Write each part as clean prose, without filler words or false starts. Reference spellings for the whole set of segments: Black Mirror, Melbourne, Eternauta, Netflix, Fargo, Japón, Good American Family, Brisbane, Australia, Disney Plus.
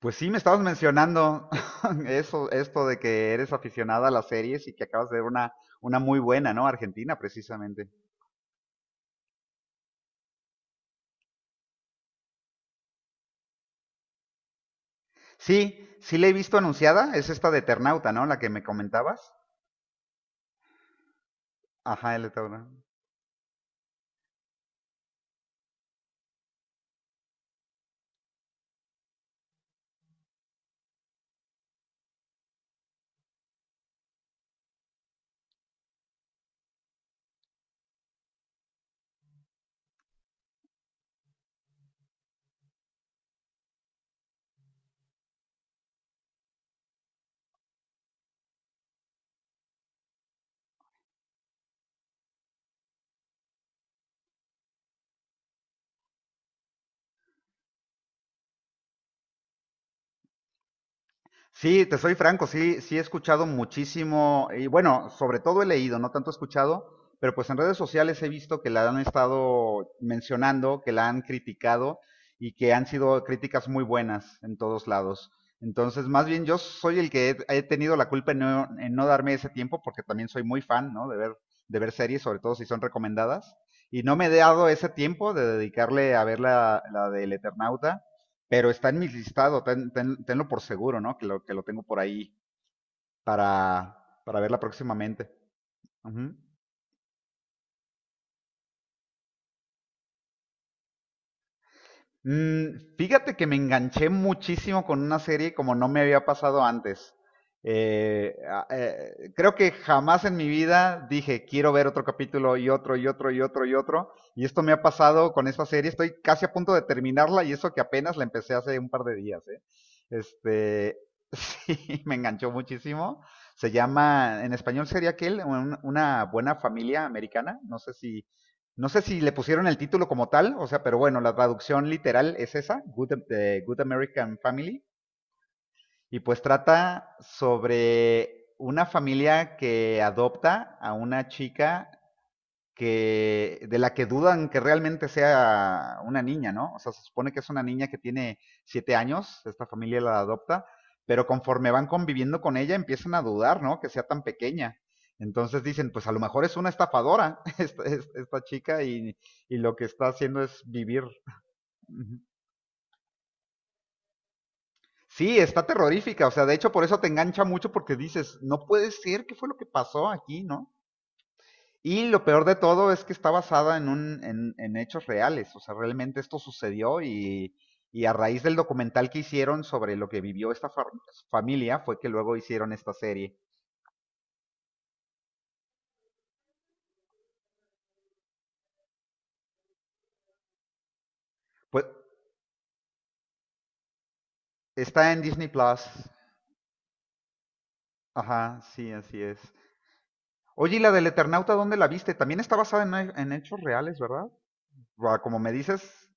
Pues sí, me estabas mencionando eso, esto de que eres aficionada a las series y que acabas de ver una muy buena, ¿no? Argentina, precisamente. Sí, sí la he visto anunciada, es esta de Eternauta, ¿no? La que me comentabas. Ajá, el Eternauta. Sí, te soy franco, sí, sí he escuchado muchísimo, y bueno, sobre todo he leído, no tanto he escuchado, pero pues en redes sociales he visto que la han estado mencionando, que la han criticado y que han sido críticas muy buenas en todos lados. Entonces, más bien yo soy el que he tenido la culpa en no darme ese tiempo, porque también soy muy fan, ¿no? De ver series, sobre todo si son recomendadas. Y no me he dado ese tiempo de dedicarle a ver la, la del Eternauta, pero está en mi listado, tenlo por seguro, ¿no? Que lo tengo por ahí para verla próximamente. Ujú. Fíjate que me enganché muchísimo con una serie como no me había pasado antes. Creo que jamás en mi vida dije, quiero ver otro capítulo y otro y otro y otro y otro. Y esto me ha pasado con esta serie. Estoy casi a punto de terminarla y eso que apenas la empecé hace un par de días, ¿eh? Este, sí, me enganchó muchísimo. Se llama, en español sería aquel, una buena familia americana. No sé si le pusieron el título como tal, o sea, pero bueno, la traducción literal es esa, Good, Good American Family, y pues trata sobre una familia que adopta a una chica que de la que dudan que realmente sea una niña, ¿no? O sea, se supone que es una niña que tiene siete años, esta familia la adopta, pero conforme van conviviendo con ella empiezan a dudar, ¿no? Que sea tan pequeña. Entonces dicen, pues a lo mejor es una estafadora esta chica y, lo que está haciendo es vivir. Sí, está terrorífica, o sea, de hecho por eso te engancha mucho porque dices, no puede ser, ¿qué fue lo que pasó aquí, no? Y lo peor de todo es que está basada en, un, en hechos reales, o sea, realmente esto sucedió, y a raíz del documental que hicieron sobre lo que vivió esta familia fue que luego hicieron esta serie. Pues está en Disney Plus. Ajá, sí, así es. Oye, ¿y la del Eternauta dónde la viste? También está basada en hechos reales, ¿verdad? Buah, como me dices,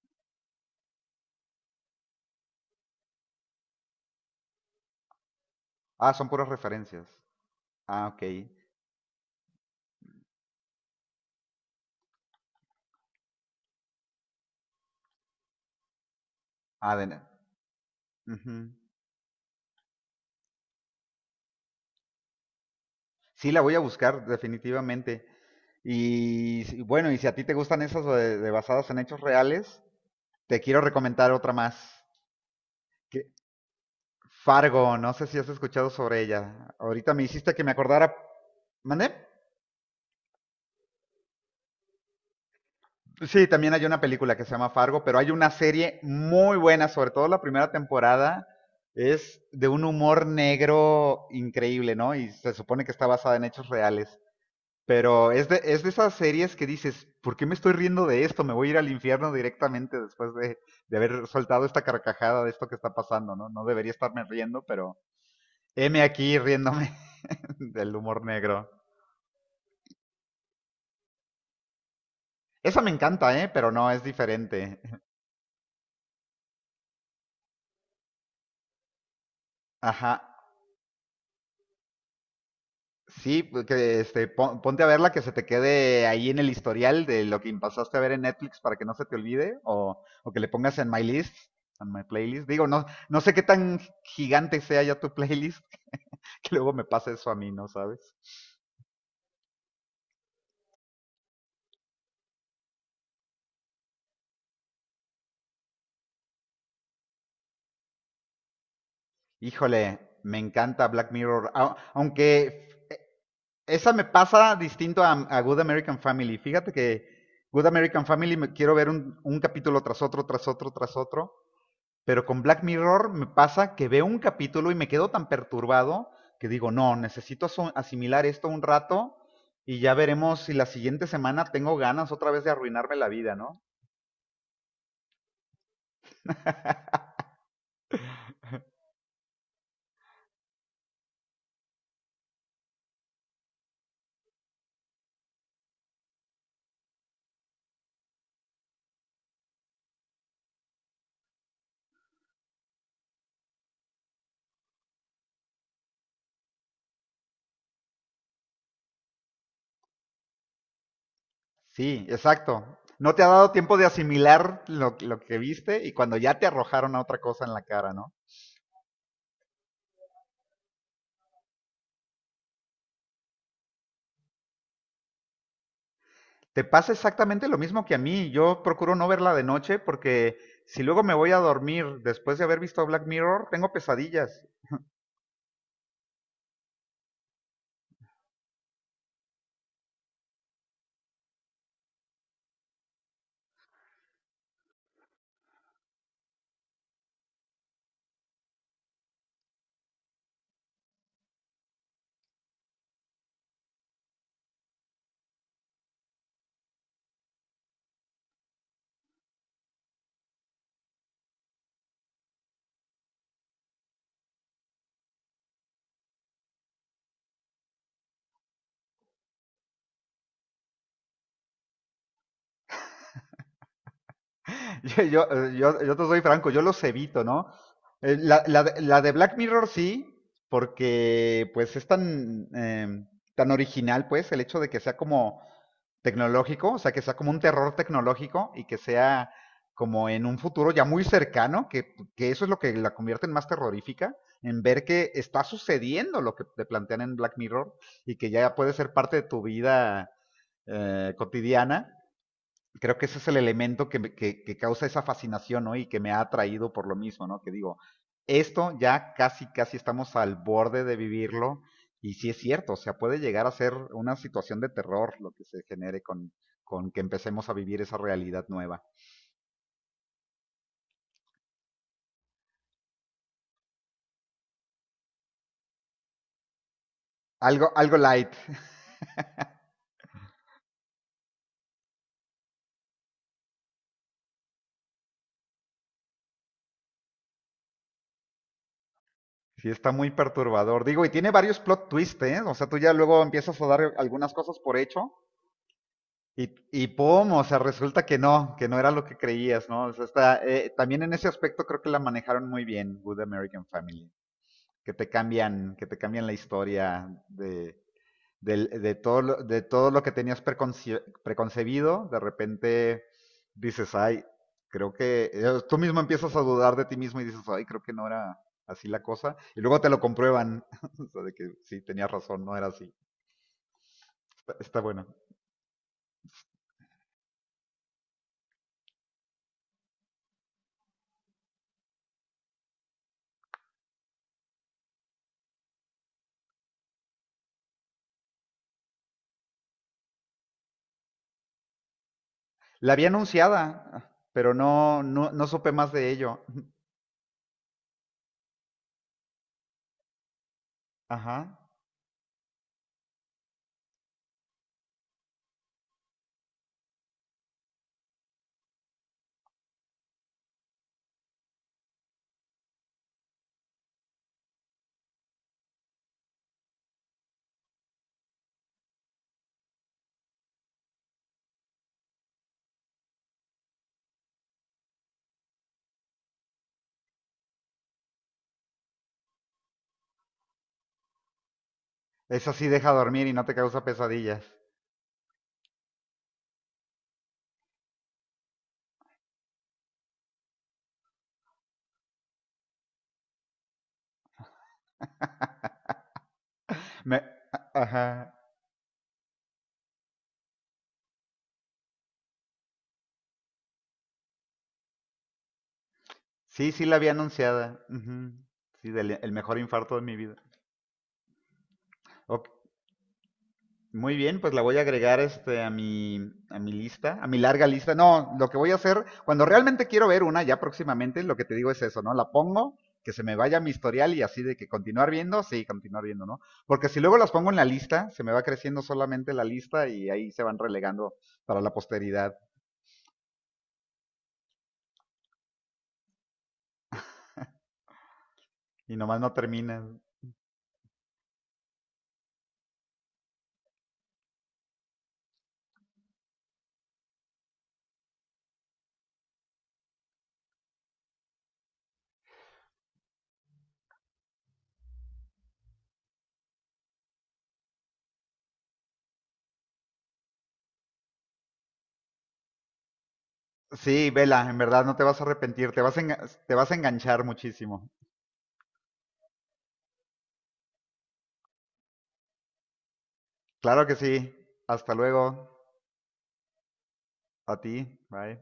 ah, son puras referencias. Ah, ok. Ah, de... ujú. Sí, la voy a buscar definitivamente. Y bueno, y si a ti te gustan esas de basadas en hechos reales, te quiero recomendar otra más. Que, Fargo, no sé si has escuchado sobre ella. Ahorita me hiciste que me acordara. ¿Mandé? Sí, también hay una película que se llama Fargo, pero hay una serie muy buena, sobre todo la primera temporada. Es de un humor negro increíble, ¿no? Y se supone que está basada en hechos reales. Pero es de esas series que dices, ¿por qué me estoy riendo de esto? Me voy a ir al infierno directamente después de haber soltado esta carcajada de esto que está pasando, ¿no? No debería estarme riendo, pero heme aquí riéndome del humor negro. Esa me encanta, ¿eh? Pero no, es diferente. Ajá. Sí, pues, que este, ponte a verla que se te quede ahí en el historial de lo que pasaste a ver en Netflix para que no se te olvide o que le pongas en my list, en my playlist. Digo, no, no sé qué tan gigante sea ya tu playlist, que luego me pasa eso a mí, ¿no sabes? Híjole, me encanta Black Mirror, aunque esa me pasa distinto a Good American Family. Fíjate que Good American Family me quiero ver un capítulo tras otro, tras otro, tras otro, pero con Black Mirror me pasa que veo un capítulo y me quedo tan perturbado que digo, no, necesito asimilar esto un rato y ya veremos si la siguiente semana tengo ganas otra vez de arruinarme la vida, ¿no? Sí, exacto. No te ha dado tiempo de asimilar lo que viste y cuando ya te arrojaron a otra cosa en la cara, ¿no? Te pasa exactamente lo mismo que a mí. Yo procuro no verla de noche porque si luego me voy a dormir después de haber visto Black Mirror, tengo pesadillas. Yo te soy franco, yo los evito, ¿no? La, la de Black Mirror sí, porque pues es tan, tan original, pues, el hecho de que sea como tecnológico, o sea, que sea como un terror tecnológico y que sea como en un futuro ya muy cercano, que eso es lo que la convierte en más terrorífica, en ver que está sucediendo lo que te plantean en Black Mirror y que ya puede ser parte de tu vida cotidiana, creo que ese es el elemento que, que causa esa fascinación, ¿no? Y que me ha atraído por lo mismo, ¿no? Que digo, esto ya casi, casi estamos al borde de vivirlo. Y sí es cierto, o sea, puede llegar a ser una situación de terror lo que se genere con que empecemos a vivir esa realidad nueva. Algo, algo light. Sí, está muy perturbador. Digo, y tiene varios plot twists, ¿eh? O sea, tú ya luego empiezas a dar algunas cosas por hecho. Y pum, o sea, resulta que no era lo que creías, ¿no? O sea, está, también en ese aspecto creo que la manejaron muy bien, Good American Family, que te cambian la historia de, de todo, de todo lo que tenías preconcebido, de repente dices, ay, creo que tú mismo empiezas a dudar de ti mismo y dices, ay, creo que no era así la cosa, y luego te lo comprueban, o sea, de que sí, tenías razón, no era así. Está, está bueno. La había anunciada, pero no, no, no supe más de ello. Ajá. Esa sí deja dormir y no te causa pesadillas. Me- Ajá. Sí, sí la había anunciada. Ujú. Sí, el mejor infarto de mi vida. Ok, muy bien, pues la voy a agregar este a mi lista, a mi larga lista. No, lo que voy a hacer cuando realmente quiero ver una ya próximamente, lo que te digo es eso, ¿no? La pongo que se me vaya a mi historial y así de que continuar viendo, sí, continuar viendo, ¿no? Porque si luego las pongo en la lista, se me va creciendo solamente la lista y ahí se van relegando para la posteridad y nomás no terminan. Sí, vela, en verdad no te vas a arrepentir, te vas a, te vas a enganchar muchísimo. Claro que sí. Hasta luego. A ti. Bye.